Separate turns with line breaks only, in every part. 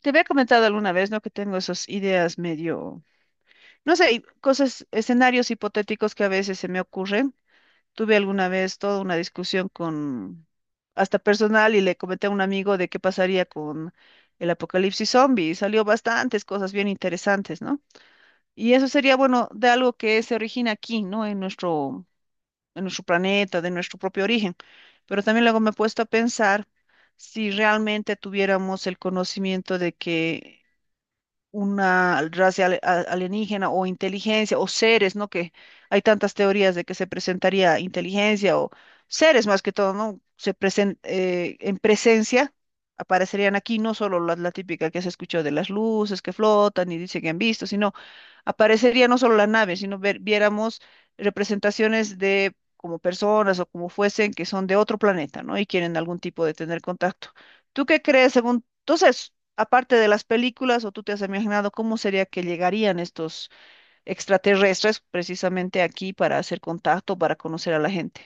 Te había comentado alguna vez, ¿no? Que tengo esas ideas medio, no sé, y cosas, escenarios hipotéticos que a veces se me ocurren. Tuve alguna vez toda una discusión con, hasta personal, y le comenté a un amigo de qué pasaría con el apocalipsis zombie. Y salió bastantes cosas bien interesantes, ¿no? Y eso sería, bueno, de algo que se origina aquí, ¿no? En nuestro planeta, de nuestro propio origen. Pero también luego me he puesto a pensar si realmente tuviéramos el conocimiento de que una raza alienígena o inteligencia o seres, ¿no? Que hay tantas teorías de que se presentaría inteligencia o seres más que todo, ¿no? En presencia aparecerían aquí, no solo la típica que se escuchó de las luces que flotan y dice que han visto, sino aparecería no solo la nave, sino viéramos representaciones de como personas o como fuesen que son de otro planeta, ¿no? Y quieren algún tipo de tener contacto. ¿Tú qué crees según, entonces, aparte de las películas, o tú te has imaginado cómo sería que llegarían estos extraterrestres precisamente aquí para hacer contacto, para conocer a la gente?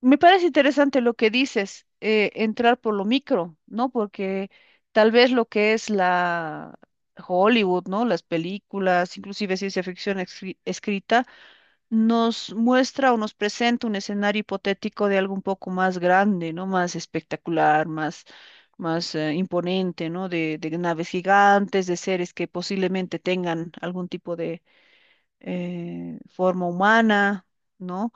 Me parece interesante lo que dices, entrar por lo micro, ¿no? Porque tal vez lo que es la Hollywood, ¿no? Las películas, inclusive ciencia ficción escrita, nos muestra o nos presenta un escenario hipotético de algo un poco más grande, ¿no? Más espectacular, más, más imponente, ¿no? De naves gigantes, de seres que posiblemente tengan algún tipo de forma humana, ¿no?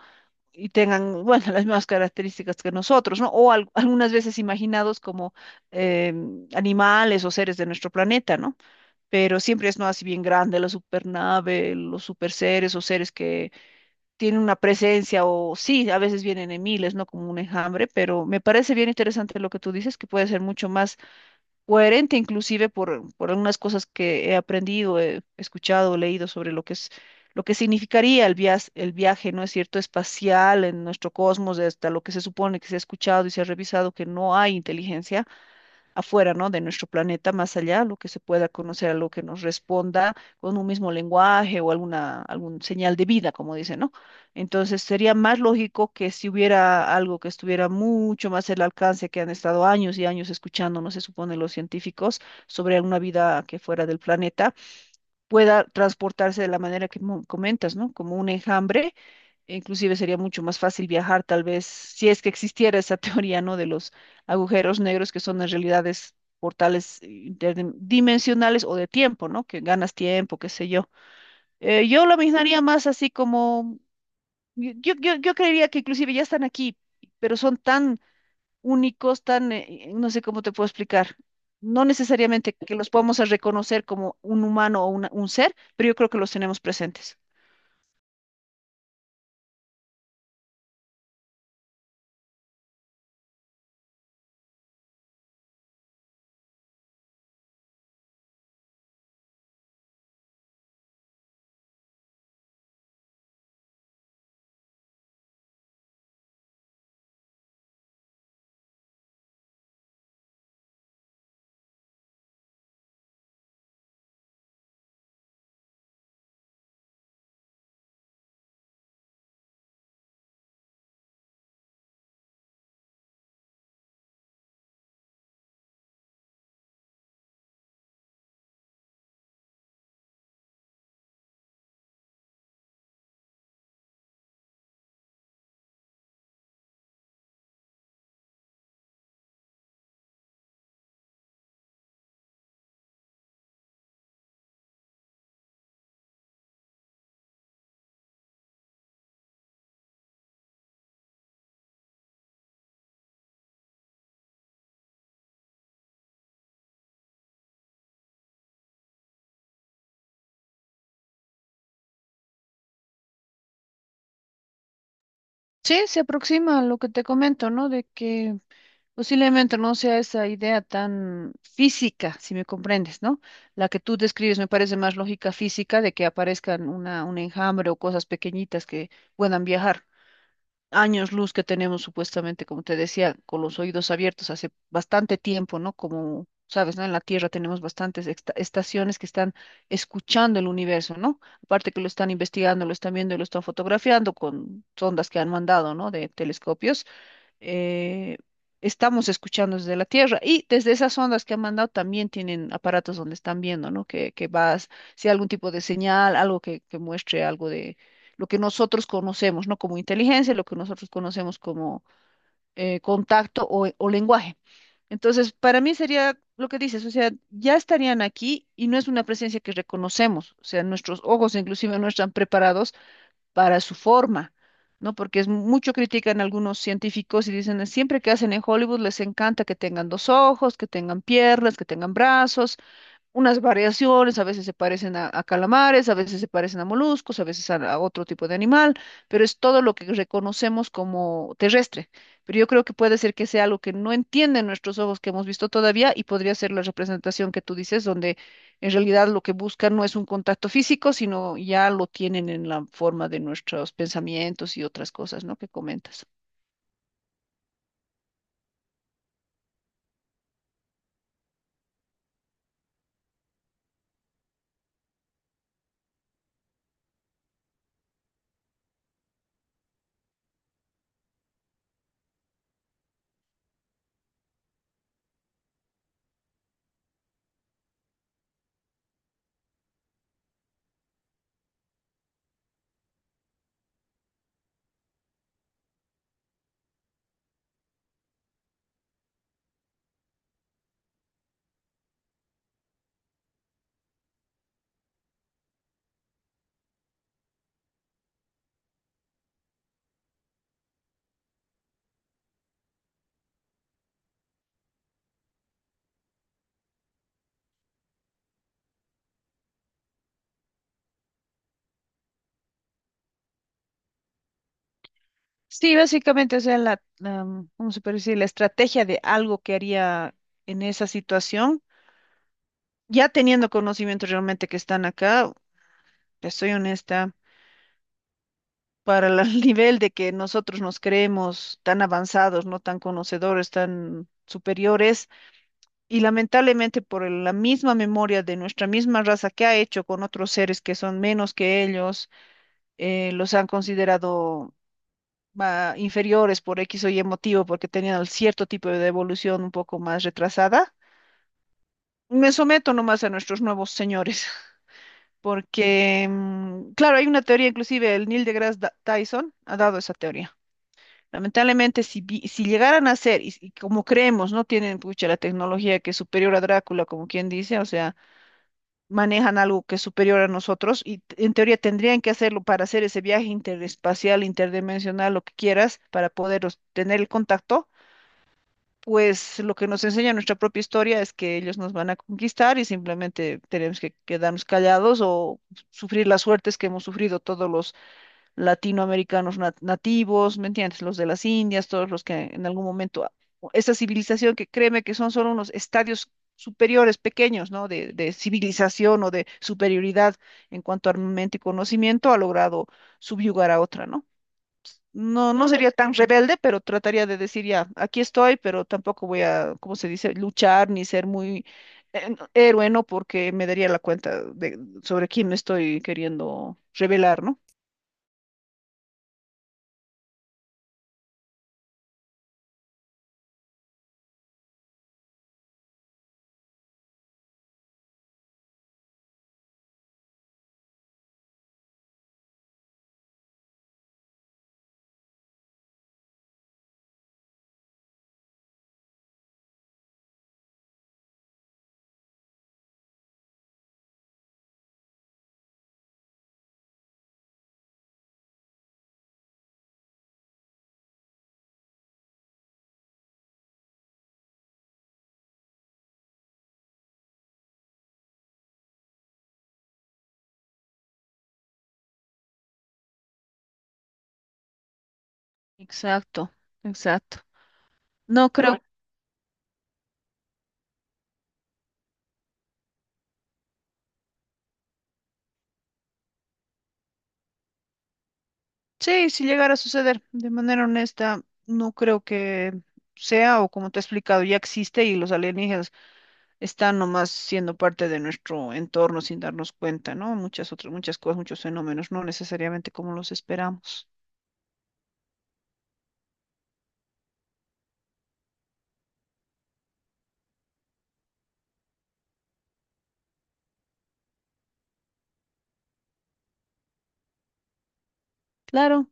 Y tengan, bueno, las mismas características que nosotros, ¿no? O algunas veces imaginados como eh, animales o seres de nuestro planeta, ¿no? Pero siempre es, ¿no? Así bien grande la supernave, los superseres o seres que tienen una presencia o sí, a veces vienen en miles, ¿no? Como un enjambre, pero me parece bien interesante lo que tú dices, que puede ser mucho más coherente inclusive por algunas cosas que he aprendido, he escuchado, leído sobre lo que es lo que significaría el viaje, ¿no es cierto?, espacial en nuestro cosmos, hasta lo que se supone que se ha escuchado y se ha revisado que no hay inteligencia afuera, ¿no? De nuestro planeta, más allá, lo que se pueda conocer, algo que nos responda con un mismo lenguaje o alguna algún señal de vida, como dicen, ¿no? Entonces sería más lógico que si hubiera algo que estuviera mucho más al alcance, que han estado años y años escuchando, no se supone los científicos, sobre una vida que fuera del planeta, pueda transportarse de la manera que comentas, ¿no? Como un enjambre. Inclusive sería mucho más fácil viajar, tal vez, si es que existiera esa teoría, ¿no? De los agujeros negros que son en realidades portales interdimensionales o de tiempo, ¿no? Que ganas tiempo, qué sé yo. Yo lo imaginaría más así como, yo creería que inclusive ya están aquí, pero son tan únicos, tan, no sé cómo te puedo explicar. No necesariamente que los podamos a reconocer como un humano o un ser, pero yo creo que los tenemos presentes. Sí, se aproxima a lo que te comento, ¿no? De que posiblemente no sea esa idea tan física, si me comprendes, ¿no? La que tú describes me parece más lógica física de que aparezcan una, un enjambre o cosas pequeñitas que puedan viajar. Años luz que tenemos supuestamente, como te decía, con los oídos abiertos hace bastante tiempo, ¿no? Como sabes, ¿no? En la Tierra tenemos bastantes estaciones que están escuchando el universo, ¿no? Aparte que lo están investigando, lo están viendo y lo están fotografiando con sondas que han mandado, ¿no? De telescopios eh, estamos escuchando desde la Tierra. Y desde esas ondas que han mandado también tienen aparatos donde están viendo, ¿no? Que vas, si hay algún tipo de señal, algo que muestre algo de lo que nosotros conocemos, ¿no? Como inteligencia, lo que nosotros conocemos como contacto o lenguaje. Entonces, para mí sería lo que dices, o sea, ya estarían aquí y no es una presencia que reconocemos, o sea, nuestros ojos inclusive no están preparados para su forma, ¿no? Porque es mucho critican algunos científicos y dicen, siempre que hacen en Hollywood les encanta que tengan dos ojos, que tengan piernas, que tengan brazos, unas variaciones, a veces se parecen a calamares, a veces se parecen a moluscos, a veces a otro tipo de animal, pero es todo lo que reconocemos como terrestre. Pero yo creo que puede ser que sea algo que no entienden nuestros ojos que hemos visto todavía y podría ser la representación que tú dices, donde en realidad lo que buscan no es un contacto físico, sino ya lo tienen en la forma de nuestros pensamientos y otras cosas, ¿no? Que comentas. Sí, básicamente, o sea, la, ¿cómo se puede decir? La estrategia de algo que haría en esa situación ya teniendo conocimientos realmente que están acá, te soy honesta, para el nivel de que nosotros nos creemos tan avanzados, no tan conocedores, tan superiores, y lamentablemente por la misma memoria de nuestra misma raza que ha hecho con otros seres que son menos que ellos, los han considerado ah, inferiores por X o Y motivo, porque tenían cierto tipo de evolución un poco más retrasada. Me someto nomás a nuestros nuevos señores. Porque, mm, claro, hay una teoría, inclusive el Neil deGrasse Tyson ha dado esa teoría. Lamentablemente, si, si llegaran a ser, y como creemos, no tienen pucha, la tecnología que es superior a Drácula, como quien dice, o sea, manejan algo que es superior a nosotros, y en teoría tendrían que hacerlo para hacer ese viaje interespacial, interdimensional, lo que quieras, para poder tener el contacto. Pues lo que nos enseña nuestra propia historia es que ellos nos van a conquistar y simplemente tenemos que quedarnos callados o sufrir las suertes que hemos sufrido todos los latinoamericanos nativos, ¿me entiendes? Los de las Indias, todos los que en algún momento, esa civilización que créeme que son solo unos estadios superiores, pequeños, ¿no? De civilización o de superioridad en cuanto a armamento y conocimiento, ha logrado subyugar a otra, ¿no? No, no sería tan rebelde, pero trataría de decir ya, aquí estoy, pero tampoco voy a, ¿cómo se dice?, luchar ni ser muy héroe, ¿no? Porque me daría la cuenta de sobre quién me estoy queriendo revelar, ¿no? Exacto, exacto. No creo. Sí, si llegara a suceder, de manera honesta, no creo que sea, o como te he explicado, ya existe y los alienígenas están nomás siendo parte de nuestro entorno sin darnos cuenta, ¿no? Muchas otras, muchas cosas, muchos fenómenos, no necesariamente como los esperamos. Claro.